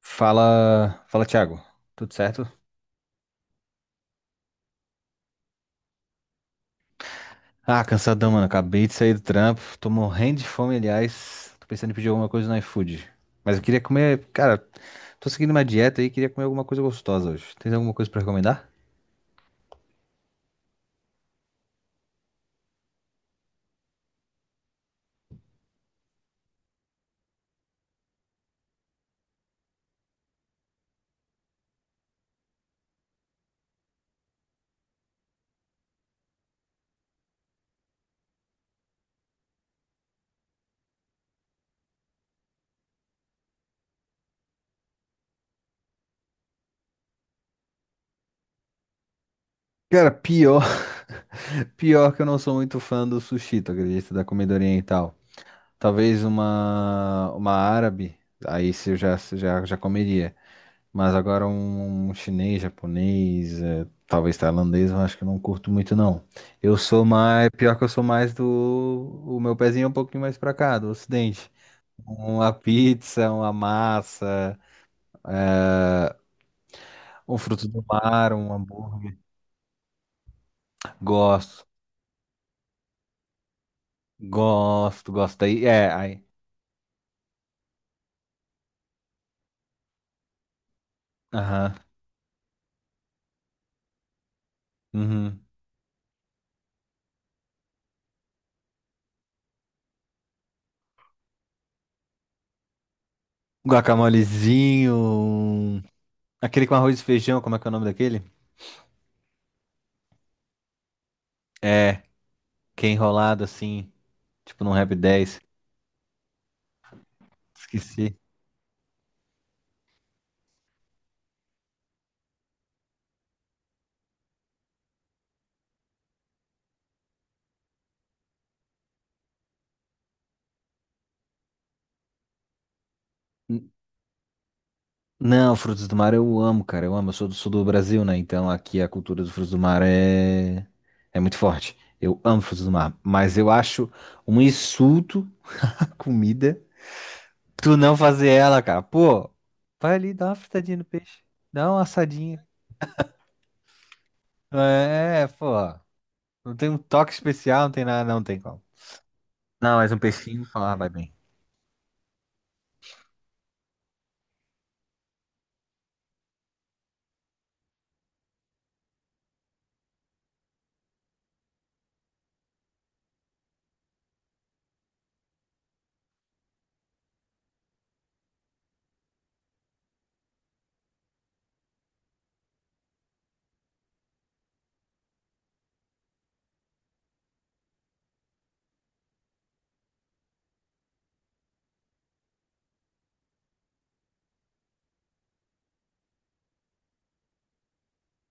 Fala, fala, Thiago. Tudo certo? Ah, cansadão, mano. Acabei de sair do trampo. Tô morrendo de fome, aliás. Tô pensando em pedir alguma coisa no iFood. Mas eu queria comer, cara, tô seguindo uma dieta aí, queria comer alguma coisa gostosa hoje. Tem alguma coisa pra recomendar? Cara, pior. Pior que eu não sou muito fã do sushi, tu acredita? Da comida oriental. Talvez uma árabe, aí se eu já comeria. Mas agora um chinês, japonês, talvez tailandês, eu acho que eu não curto muito não. Eu sou mais, pior que eu sou mais o meu pezinho é um pouquinho mais pra cá, do ocidente. Uma pizza, uma massa, um fruto do mar, um hambúrguer. Gosto, gosto, gosto aí. É, aí. Aham. Uhum. Um guacamolezinho, um- aquele com arroz e feijão, como é que é o nome daquele? É, que é enrolado assim, tipo num Rap 10. Esqueci. Não, frutos do mar eu amo, cara. Eu amo. Eu sou do sul do Brasil, né? Então aqui a cultura dos frutos do mar é muito forte. Eu amo frutos do mar. Mas eu acho um insulto à comida tu não fazer ela, cara. Pô, vai ali, dá uma fritadinha no peixe. Dá uma assadinha. É, pô. Não tem um toque especial, não tem nada, não tem como. Não, mas um peixinho falar vai bem.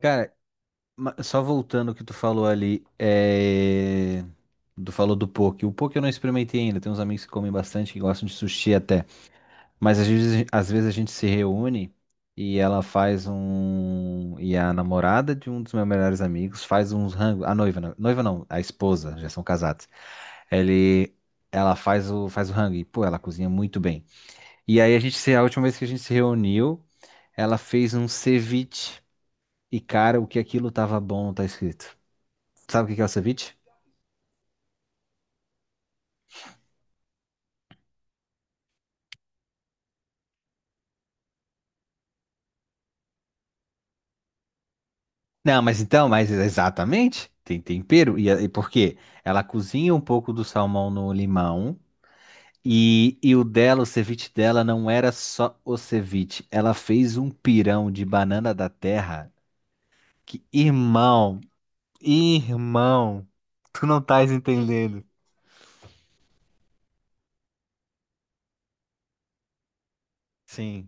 Cara, só voltando ao que tu falou ali, tu falou do poke. O poke eu não experimentei ainda. Tem uns amigos que comem bastante, que gostam de sushi até. Mas às vezes a gente se reúne e ela faz um. E a namorada de um dos meus melhores amigos faz uns rango. A noiva, não. Noiva não, a esposa, já são casados. Ele. Faz o rango e, pô, ela cozinha muito bem. E aí a gente, se- a última vez que a gente se reuniu, ela fez um ceviche. E, cara, o que aquilo tava bom, tá escrito. Sabe o que que é o ceviche? Não, mas então, mas exatamente, tem tempero. E por quê? Ela cozinha um pouco do salmão no limão. E o dela, o ceviche dela, não era só o ceviche. Ela fez um pirão de banana da terra. Que, irmão, irmão, tu não estás entendendo. Sim.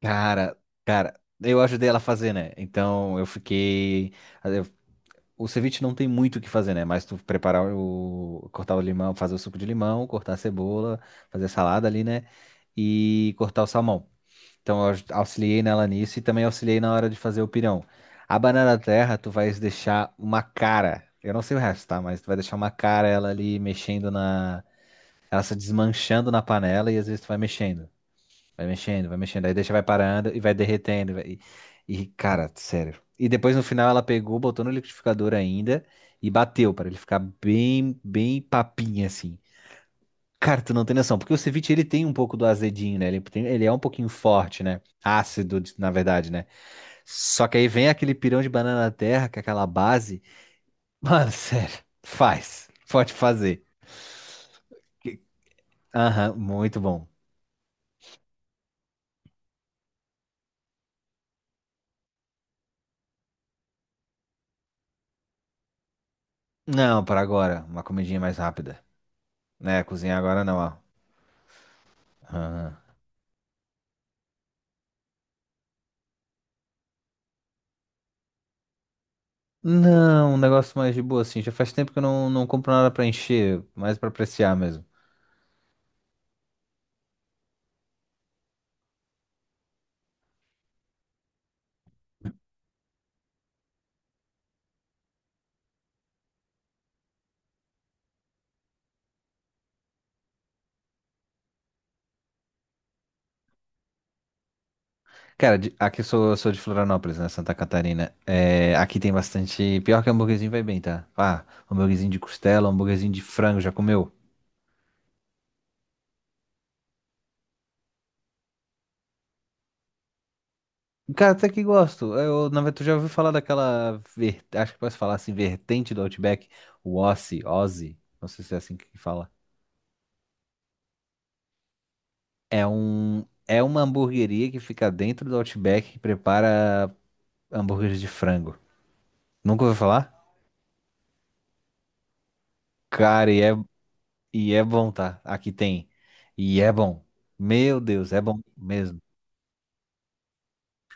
Cara, cara, eu ajudei ela a fazer, né? Então eu fiquei. O ceviche não tem muito o que fazer, né? Mas tu preparar o. Cortar o limão, fazer o suco de limão, cortar a cebola, fazer a salada ali, né? E cortar o salmão. Então eu auxiliei nela nisso e também auxiliei na hora de fazer o pirão. A banana terra, tu vais deixar uma cara. Eu não sei o resto, tá? Mas tu vai deixar uma cara ela ali mexendo na. Ela se desmanchando na panela e às vezes tu vai mexendo. Vai mexendo, vai mexendo. Aí deixa, vai parando e vai derretendo. E, cara, sério. E depois no final ela pegou, botou no liquidificador ainda e bateu para ele ficar bem, bem papinha assim. Cara, tu não tem noção, porque o ceviche ele tem um pouco do azedinho, né? Ele é um pouquinho forte, né? Ácido, na verdade, né? Só que aí vem aquele pirão de banana terra, que é aquela base. Mano, sério, faz. Pode fazer. Que- aham, muito bom. Não, para agora, uma comidinha mais rápida. É, cozinhar agora não, ó. Ah. Não, um negócio mais de boa, assim. Já faz tempo que eu não compro nada pra encher, mais pra apreciar mesmo. Cara, aqui eu sou de Florianópolis, né? Santa Catarina. É, aqui tem bastante. Pior que hambúrguerzinho vai bem, tá? Ah, hambúrguerzinho de costela, hambúrguerzinho de frango, já comeu? Cara, até que gosto. Eu, na verdade, tu já ouviu falar daquela. Acho que posso falar assim, vertente do Outback, o Ossi, Ozzy. Não sei se é assim que fala. É um. É uma hamburgueria que fica dentro do Outback que prepara hambúrguer de frango. Nunca ouviu falar? Cara, e é bom, tá? Aqui tem. E é bom. Meu Deus, é bom mesmo.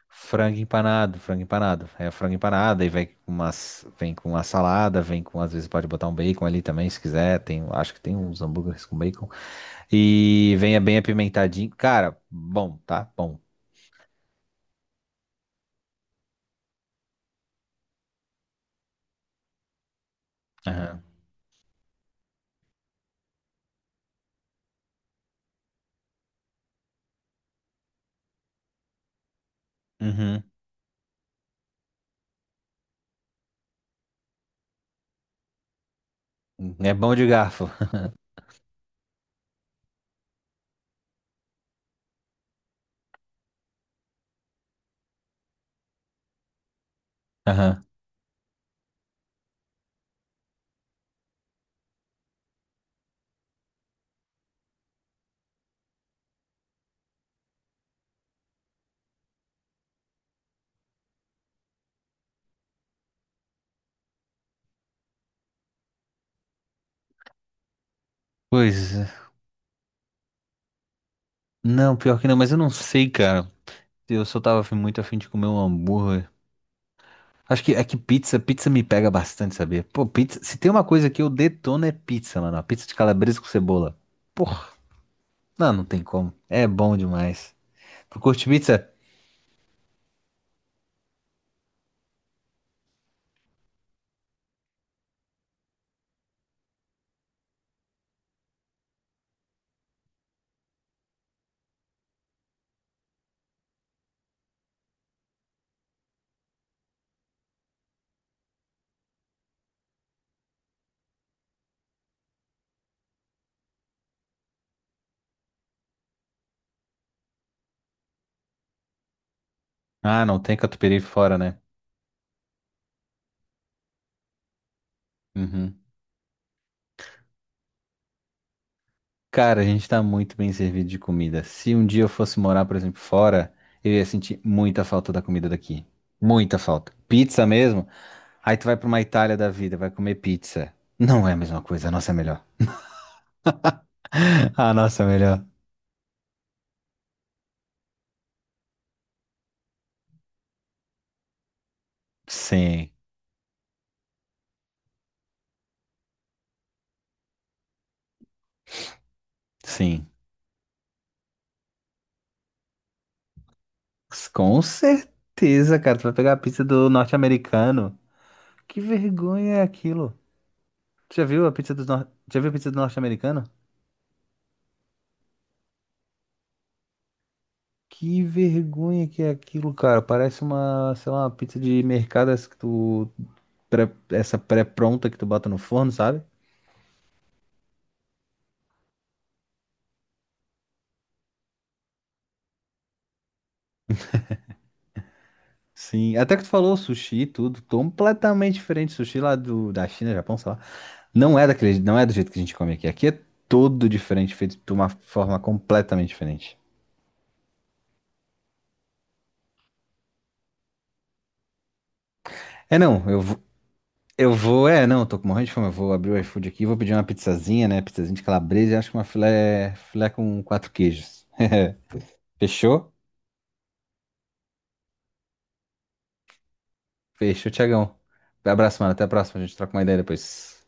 Frango empanado, frango empanado. É frango empanado, aí vem com umas, vem com uma salada, vem com, às vezes pode botar um bacon ali também, se quiser. Tem, acho que tem uns hambúrgueres com bacon. E venha bem apimentadinho. Cara, bom, tá? Bom. Aham. Uhum. É bom de garfo. Aham. Pois, é. Não, pior que não, mas eu não sei, cara. Eu só tava muito afim de comer um hambúrguer. Acho que é que pizza, pizza me pega bastante, sabia? Pô, pizza, se tem uma coisa que eu detono é pizza, mano. A pizza de calabresa com cebola. Porra, não tem como. É bom demais. Tu curte pizza? Ah, não tem catupiry fora, né? Uhum. Cara, a gente tá muito bem servido de comida. Se um dia eu fosse morar, por exemplo, fora, eu ia sentir muita falta da comida daqui. Muita falta. Pizza mesmo? Aí tu vai pra uma Itália da vida, vai comer pizza. Não é a mesma coisa, a nossa é melhor. A nossa é melhor. Sim, sim. Com certeza, cara. Tu vai pegar a pizza do norte-americano. Que vergonha é aquilo? Tu já viu a pizza do norte... Já viu a pizza do norte-americano? Que vergonha que é aquilo, cara. Parece uma, sei lá, uma pizza de mercado essa que tu essa pré-pronta que tu bota no forno, sabe? Sim, até que tu falou sushi, e tudo, completamente diferente. Sushi lá do, da China, Japão, sei lá. Não é daquele, não é do jeito que a gente come aqui. Aqui é todo diferente, feito de uma forma completamente diferente. É, não, eu vou, não, tô com morrendo de fome. Eu vou abrir o iFood aqui, vou pedir uma pizzazinha, né? Pizzazinha de calabresa e acho que uma filé, filé com quatro queijos. Fechou? Fechou, Tiagão. Abraço, mano. Até a próxima. A gente troca uma ideia depois.